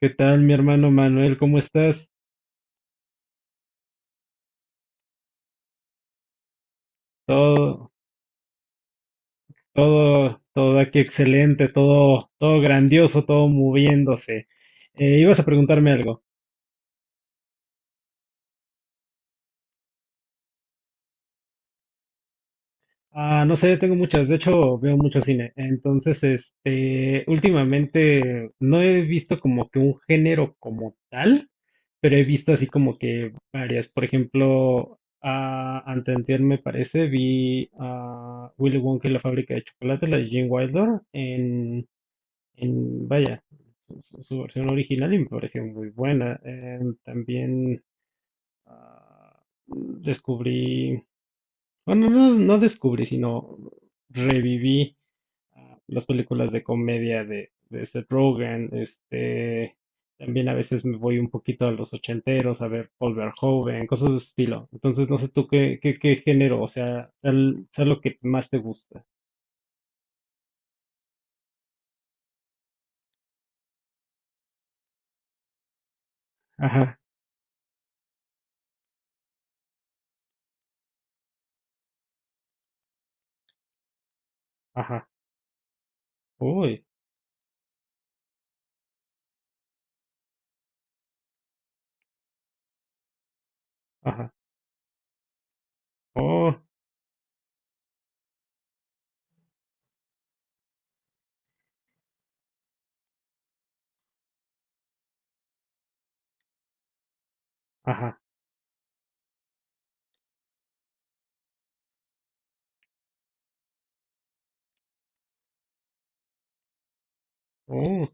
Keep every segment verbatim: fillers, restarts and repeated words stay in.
¿Qué tal, mi hermano Manuel? ¿Cómo estás? Todo, todo, todo aquí excelente, todo, todo grandioso, todo moviéndose. Eh, ibas a preguntarme algo. Ah, no sé, tengo muchas, de hecho veo mucho cine. Entonces, este, últimamente no he visto como que un género como tal, pero he visto así como que varias. Por ejemplo, ah, anteantier me parece, vi a Willy Wonka y la fábrica de chocolate, la de Gene Wilder, en en, vaya, su, su versión original y me pareció muy buena. Eh, también ah, descubrí, bueno, no, no descubrí, sino reviví ah, las películas de comedia de, de Seth Rogen. Este, también a veces me voy un poquito a los ochenteros a ver Paul Verhoeven, cosas de ese estilo. Entonces, no sé tú qué, qué, qué género, o sea, tal, sea lo que más te gusta. Ajá, ajá, uy, ajá, oh, ajá, oh.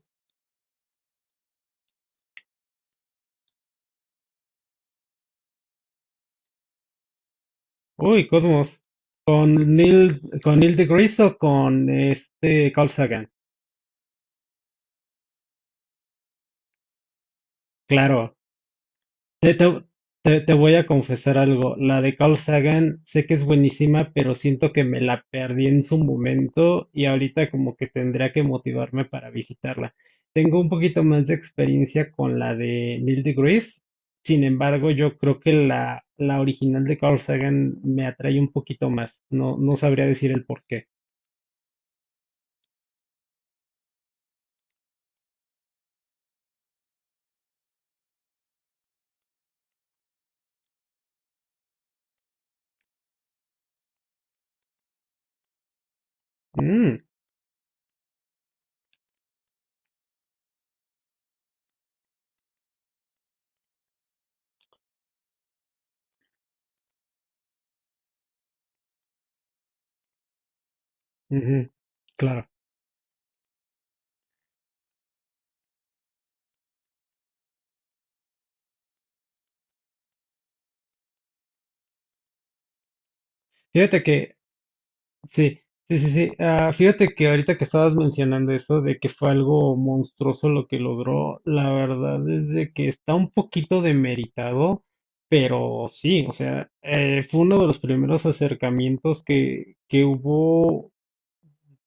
Uy, Cosmos. Con Neil, con Neil deGrasse o con este Carl Sagan. Claro. Te, te- te- Te voy a confesar algo. La de Carl Sagan sé que es buenísima, pero siento que me la perdí en su momento y ahorita como que tendría que motivarme para visitarla. Tengo un poquito más de experiencia con la de Neil deGrasse. Sin embargo, yo creo que la, la original de Carl Sagan me atrae un poquito más. No, no sabría decir el por qué. Mm, ujú, claro. Fíjate que, sí, sí, sí, sí. Ah, fíjate que ahorita que estabas mencionando eso de que fue algo monstruoso lo que logró, la verdad es de que está un poquito demeritado, pero sí, o sea, eh, fue uno de los primeros acercamientos que, que hubo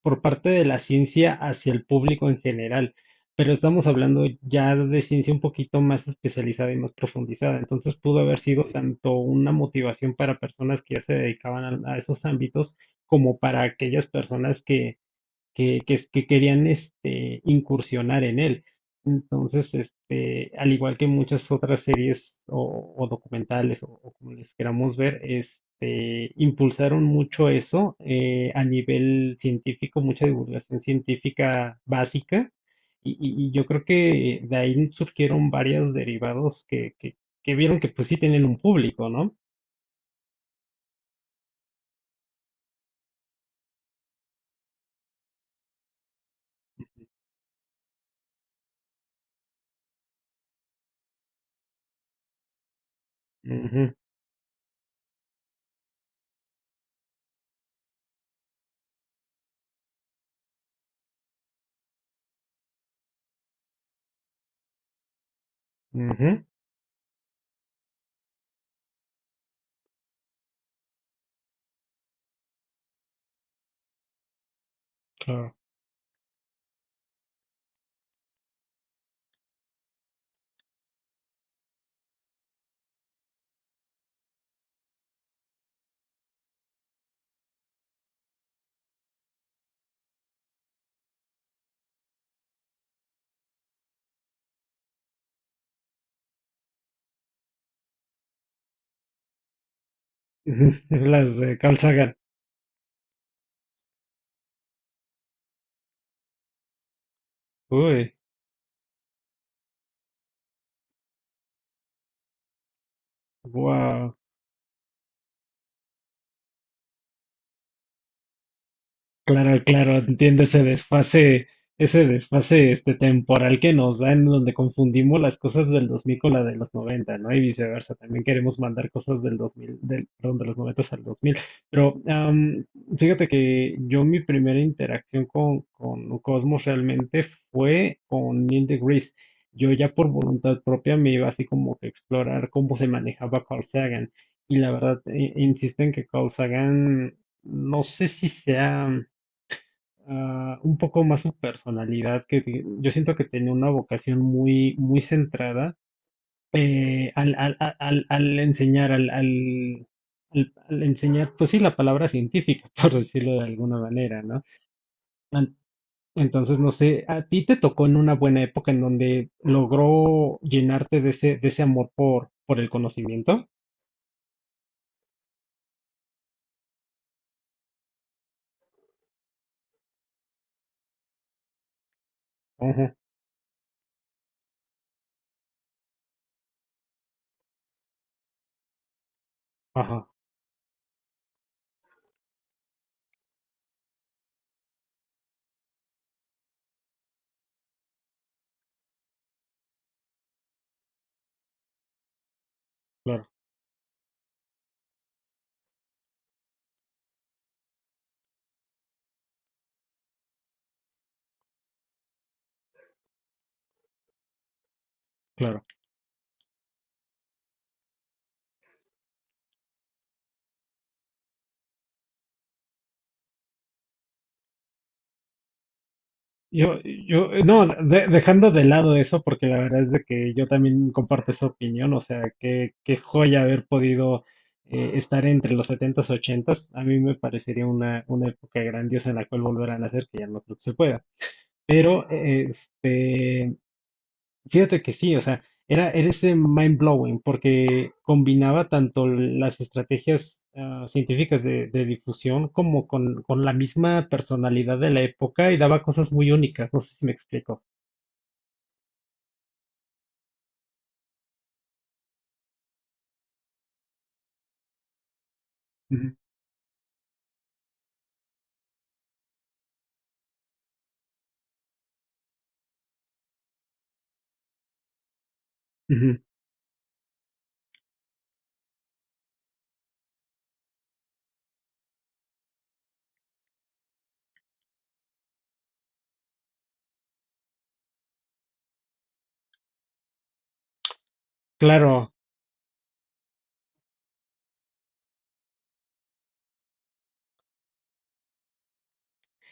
por parte de la ciencia hacia el público en general, pero estamos hablando ya de ciencia un poquito más especializada y más profundizada, entonces pudo haber sido tanto una motivación para personas que ya se dedicaban a, a esos ámbitos como para aquellas personas que que, que, que querían este, incursionar en él. Entonces, este, al igual que muchas otras series o, o documentales o, o como les queramos ver, este, impulsaron mucho eso eh, a nivel científico, mucha divulgación científica básica. Y, y- y yo creo que de ahí surgieron varios derivados que, que, que vieron que pues sí tienen un público, ¿no? Ujú, ujú, claro. Las de Carl Sagan. Uy, wow. Claro, claro, entiendo ese desfase, ese desfase este temporal que nos da en donde confundimos las cosas del dos mil con la de los noventa, ¿no? Y viceversa, también queremos mandar cosas del dos mil, del, perdón, de los noventa al dos mil. Pero am, fíjate que yo mi primera interacción con, con Cosmos realmente fue con Neil deGrasse. Yo ya por voluntad propia me iba así como que a explorar cómo se manejaba Carl Sagan. Y la verdad, eh, insisto en que Carl Sagan, no sé si sea ah, un poco más su personalidad, que ti- yo siento que tenía una vocación muy, muy centrada eh, al, al- al- al- al enseñar, al, al- al- al enseñar, pues sí, la palabra científica, por decirlo de alguna manera, ¿no? An- Entonces, no sé, a ti te tocó en una buena época en donde logró llenarte de ese, de ese amor por, por el conocimiento. Ajá, ajá, claro, claro. Yo, yo, no, de- dejando de lado eso, porque la verdad es de que yo también comparto esa opinión, o sea, qué, qué joya haber podido eh, estar entre los setentas ochentas a mí me parecería una, una época grandiosa en la cual volver a nacer, que ya no creo que se pueda. Este, fíjate que sí, o sea, era, era ese mind blowing, porque combinaba tanto las estrategias ah, científicas de, de difusión como con, con la misma personalidad de la época y daba cosas muy únicas, no sé si me explico. Ujú, ujú, claro,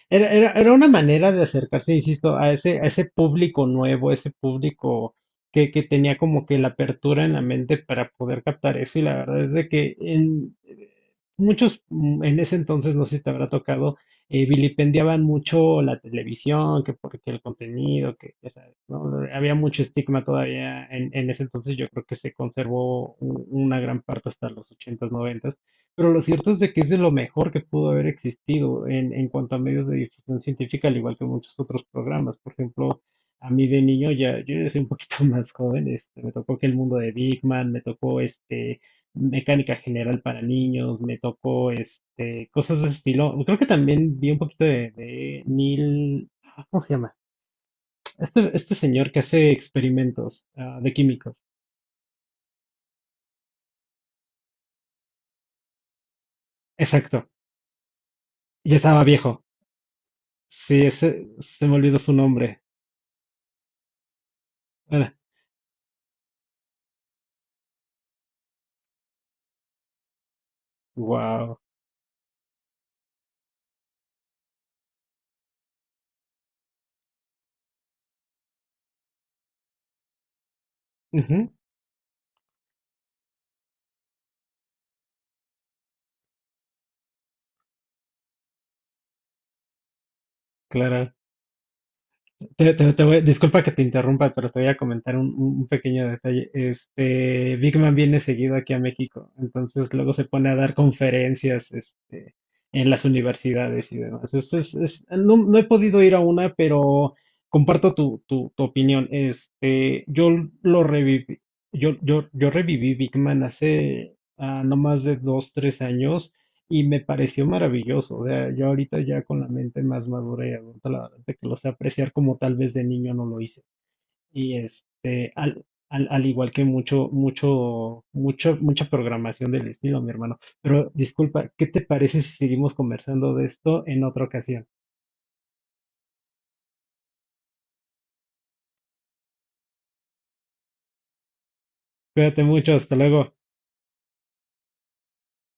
era, era, era una manera de acercarse, insisto, a ese, a ese público nuevo, ese público que, que tenía como que la apertura en la mente para poder captar eso. Y la verdad es de que en, eh, muchos, mm, en ese entonces, no sé si te habrá tocado, eh, vilipendiaban mucho la televisión, que porque el contenido, que ya sabes, ¿no? Había mucho estigma todavía en, en ese entonces, yo creo que se conservó u- una gran parte hasta los ochentas noventas. Pero lo cierto es de que es de lo mejor que pudo haber existido en, en cuanto a medios de difusión científica, al igual que muchos otros programas. Por ejemplo, a mí de niño, ya, yo ya soy un poquito más joven, este, me tocó que el mundo de Big Man, me tocó este, mecánica general para niños, me tocó este, cosas de ese estilo. Creo que también vi un poquito de, de Neil, ah, ¿cómo se llama? Este, este señor que hace experimentos ah, de químicos. Exacto. Ya estaba viejo. Sí, ese, se me olvidó su nombre. Bueno, wow. Ujú, claro. Te- te- te voy- disculpa que te interrumpa, pero te voy a comentar un, un- un pequeño detalle. Este, Big Man viene seguido aquí a México, entonces luego se pone a dar conferencias, este, en las universidades y demás. Es- es- es- no, no he podido ir a una, pero comparto tu, tu, tu opinión. Este, yo lo reviví, yo, yo, yo reviví Big Man hace ah, no más de dos, tres años. Y me pareció maravilloso. O sea, yo ahorita ya con la mente más madura y adulta, la verdad es que lo sé apreciar como tal vez de niño no lo hice. Y este, al, al, al igual que mucho, mucho, mucho, mucha programación del estilo, mi hermano. Pero disculpa, ¿qué te parece si seguimos conversando de esto en otra ocasión? Cuídate mucho, hasta luego.